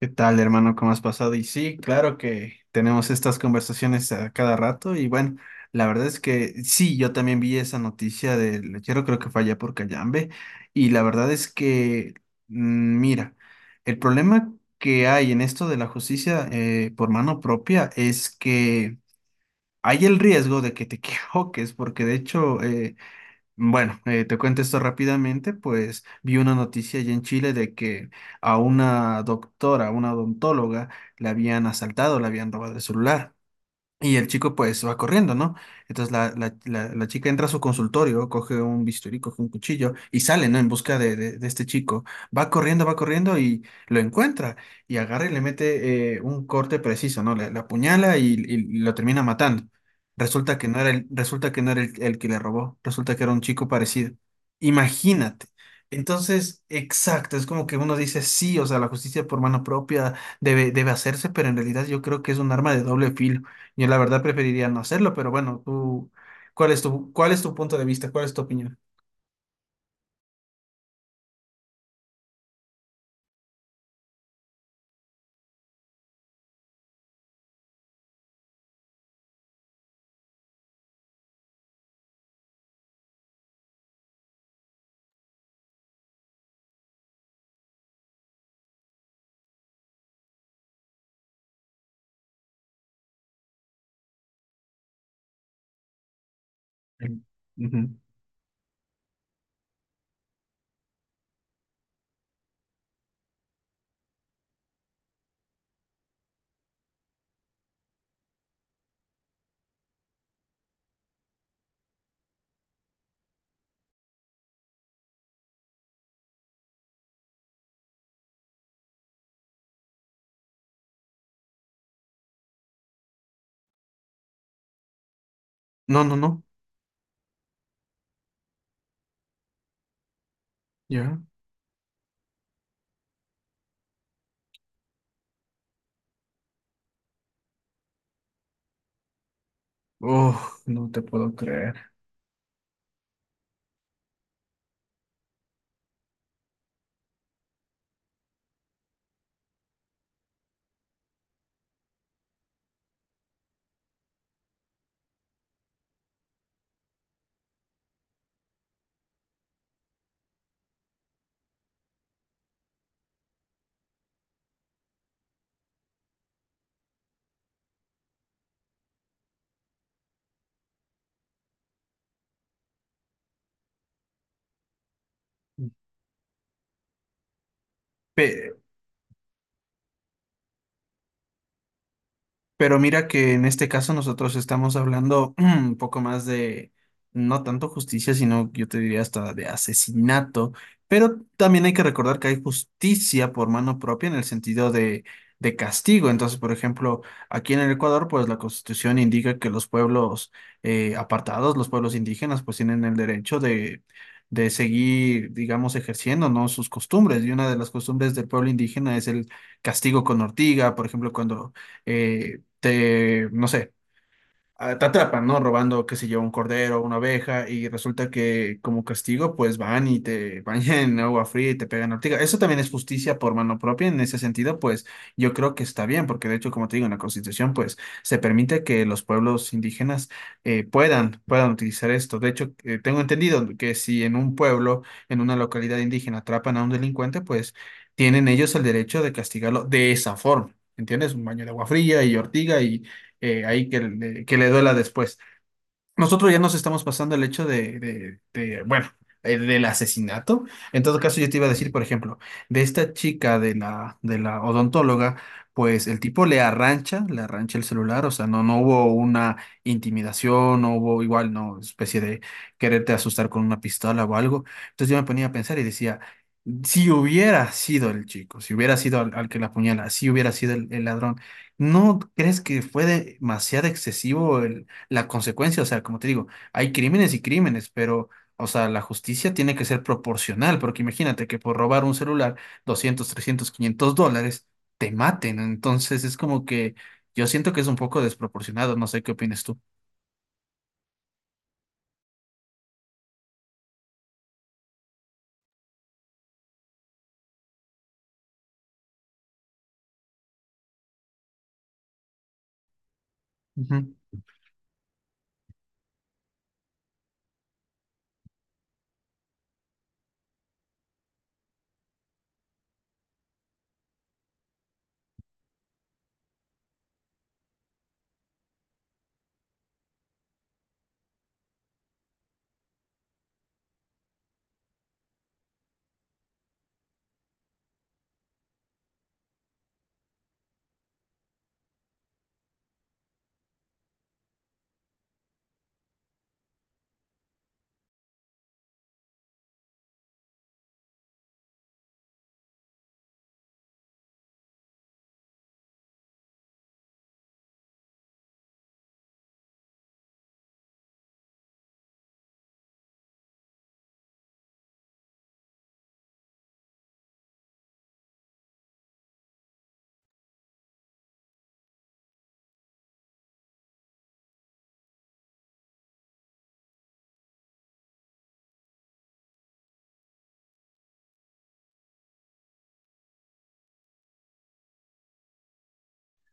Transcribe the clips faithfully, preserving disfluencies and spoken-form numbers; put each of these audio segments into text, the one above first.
¿Qué tal, hermano? ¿Cómo has pasado? Y sí, claro que tenemos estas conversaciones a cada rato y bueno, la verdad es que sí, yo también vi esa noticia del lechero, creo que fue allá por Cayambe y la verdad es que, mm, mira, el problema que hay en esto de la justicia eh, por mano propia es que hay el riesgo de que te equivoques, porque de hecho eh, bueno, eh, te cuento esto rápidamente, pues vi una noticia allá en Chile de que a una doctora, a una odontóloga, la habían asaltado, la habían robado el celular. Y el chico pues va corriendo, ¿no? Entonces la, la, la, la chica entra a su consultorio, coge un bisturí, coge un cuchillo y sale, ¿no? En busca de, de, de este chico. Va corriendo, va corriendo y lo encuentra y agarra y le mete eh, un corte preciso, ¿no? Le, le apuñala y, y lo termina matando. Resulta que no era el, resulta que no era el, el que le robó, resulta que era un chico parecido. Imagínate. Entonces, exacto, es como que uno dice, sí, o sea, la justicia por mano propia debe, debe hacerse, pero en realidad yo creo que es un arma de doble filo. Yo la verdad preferiría no hacerlo, pero bueno, tú, ¿cuál es tu, cuál es tu punto de vista? ¿Cuál es tu opinión? Mm. Ujú. No, no, no. Ya. Oh, no te puedo creer. Pe- Pero mira que en este caso nosotros estamos hablando un poco más de, no tanto justicia, sino yo te diría hasta de asesinato, pero también hay que recordar que hay justicia por mano propia en el sentido de, de castigo. Entonces, por ejemplo, aquí en el Ecuador, pues la Constitución indica que los pueblos eh, apartados, los pueblos indígenas, pues tienen el derecho de... de seguir, digamos, ejerciendo, ¿no? sus costumbres. Y una de las costumbres del pueblo indígena es el castigo con ortiga, por ejemplo, cuando eh, te, no sé, a- te atrapan, ¿no? Robando, qué sé yo, un cordero, una oveja, y resulta que como castigo, pues van y te bañan en agua fría y te pegan ortiga. Eso también es justicia por mano propia, en ese sentido, pues yo creo que está bien, porque de hecho, como te digo, en la Constitución, pues se permite que los pueblos indígenas eh, puedan, puedan utilizar esto. De hecho, eh, tengo entendido que si en un pueblo, en una localidad indígena, atrapan a un delincuente, pues tienen ellos el derecho de castigarlo de esa forma. ¿Entiendes? Un baño de agua fría y ortiga y, eh, ahí que, que le duela después. Nosotros ya nos estamos pasando el hecho de, de- de, bueno, eh, del asesinato. En todo caso, yo te iba a decir, por ejemplo, de esta chica de la, de la odontóloga, pues el tipo le arrancha, le arrancha el celular, o sea, no, no hubo una intimidación, no hubo igual, no, especie de quererte asustar con una pistola o algo. Entonces yo me ponía a pensar y decía, si hubiera sido el chico, si hubiera sido al, al que la apuñala, si hubiera sido el, el ladrón, ¿no crees que fue demasiado excesivo la consecuencia, o sea, como te digo, hay crímenes y crímenes, pero, o sea, la justicia tiene que ser proporcional, porque imagínate que por robar un celular, doscientos trescientos quinientos dólares, te maten? Entonces es como que yo siento que es un poco desproporcionado, no sé qué opinas tú.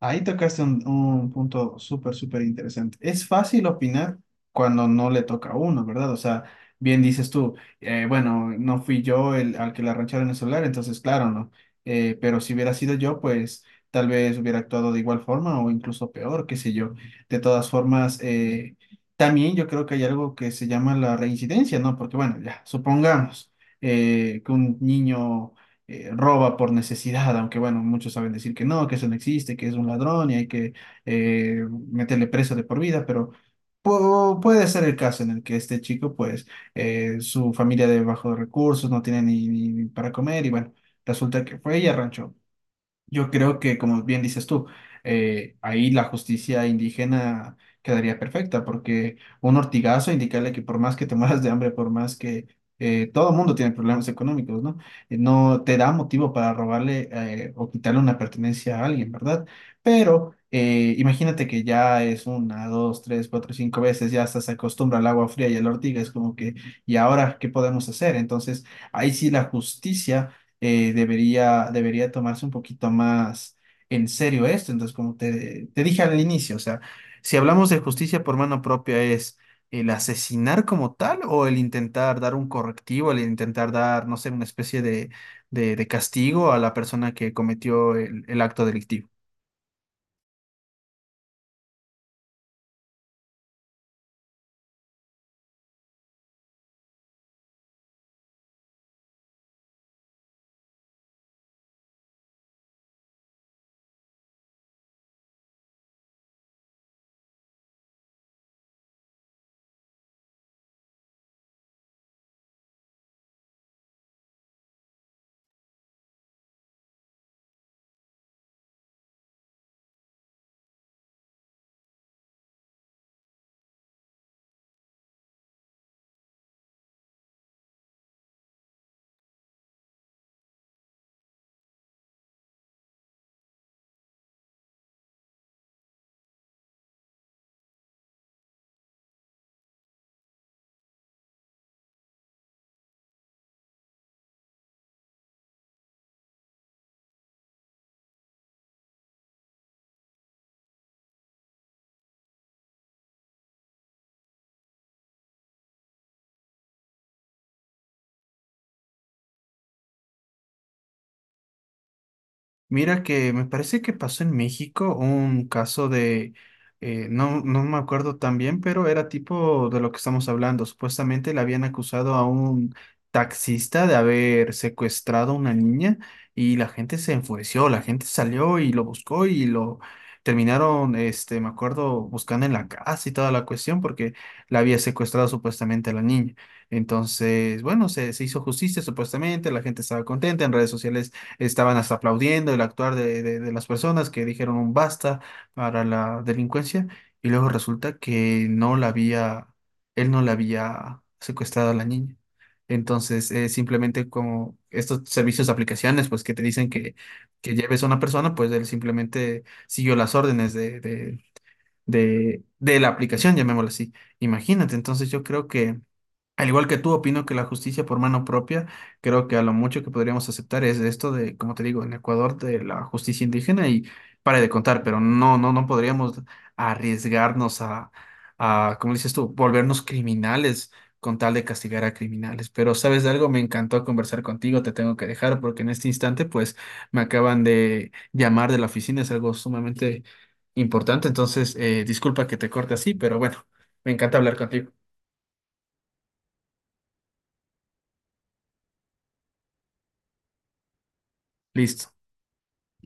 Ahí tocaste un, un punto súper, súper interesante. Es fácil opinar cuando no le toca a uno, ¿verdad? O sea, bien dices tú, eh, bueno, no fui yo el al que la arrancharon el celular, entonces claro, no. Eh, pero si hubiera sido yo, pues tal vez hubiera actuado de igual forma o incluso peor, qué sé yo. De todas formas, eh, también yo creo que hay algo que se llama la reincidencia, ¿no? Porque bueno, ya, supongamos eh, que un niño eh, roba por necesidad, aunque bueno, muchos saben decir que no, que eso no existe, que es un ladrón y hay que eh, meterle preso de por vida, pero pu- puede ser el caso en el que este chico, pues, eh, su familia de bajos recursos no tiene ni, ni para comer y bueno, resulta que fue y arranchó. Yo creo que, como bien dices tú, eh, ahí la justicia indígena quedaría perfecta, porque un ortigazo indicarle que por más que te mueras de hambre, por más que eh, todo mundo tiene problemas económicos, ¿no? Eh, No te da motivo para robarle eh, o quitarle una pertenencia a alguien, ¿verdad? Pero eh, imagínate que ya es una, dos, tres, cuatro, cinco veces, ya hasta se acostumbra al agua fría y a la ortiga, es como que, ¿y ahora qué podemos hacer? Entonces, ahí sí la justicia eh, debería, debería tomarse un poquito más en serio esto. Entonces, como te, te dije al inicio, o sea, si hablamos de justicia por mano propia, ¿es el asesinar como tal o el intentar dar un correctivo, el intentar dar, no sé, una especie de, de, de castigo a la persona que cometió el el acto delictivo? Mira que me parece que pasó en México un caso de, eh, no, no me acuerdo tan bien, pero era tipo de lo que estamos hablando. Supuestamente le habían acusado a un taxista de haber secuestrado a una niña y la gente se enfureció, la gente salió y lo buscó y lo terminaron, este, me acuerdo, buscando en la casa y toda la cuestión porque la había secuestrado supuestamente a la niña. Entonces, bueno, se, se hizo justicia supuestamente, la gente estaba contenta, en redes sociales estaban hasta aplaudiendo el actuar de, de- de las personas que dijeron un basta para la delincuencia y luego resulta que no la había, él no la había secuestrado a la niña. Entonces, eh, simplemente como estos servicios de aplicaciones, pues que te dicen que, que lleves a una persona, pues él simplemente siguió las órdenes de, de, de, de la aplicación, llamémoslo así. Imagínate, entonces yo creo que al igual que tú, opino que la justicia por mano propia, creo que a lo mucho que podríamos aceptar es esto de, como te digo, en Ecuador de la justicia indígena y para de contar, pero no, no, no podríamos arriesgarnos a, a, como dices tú, volvernos criminales con tal de castigar a criminales. Pero, ¿sabes de algo? Me encantó conversar contigo, te tengo que dejar porque en este instante, pues, me acaban de llamar de la oficina, es algo sumamente importante, entonces, eh, disculpa que te corte así, pero bueno, me encanta hablar contigo. Listo.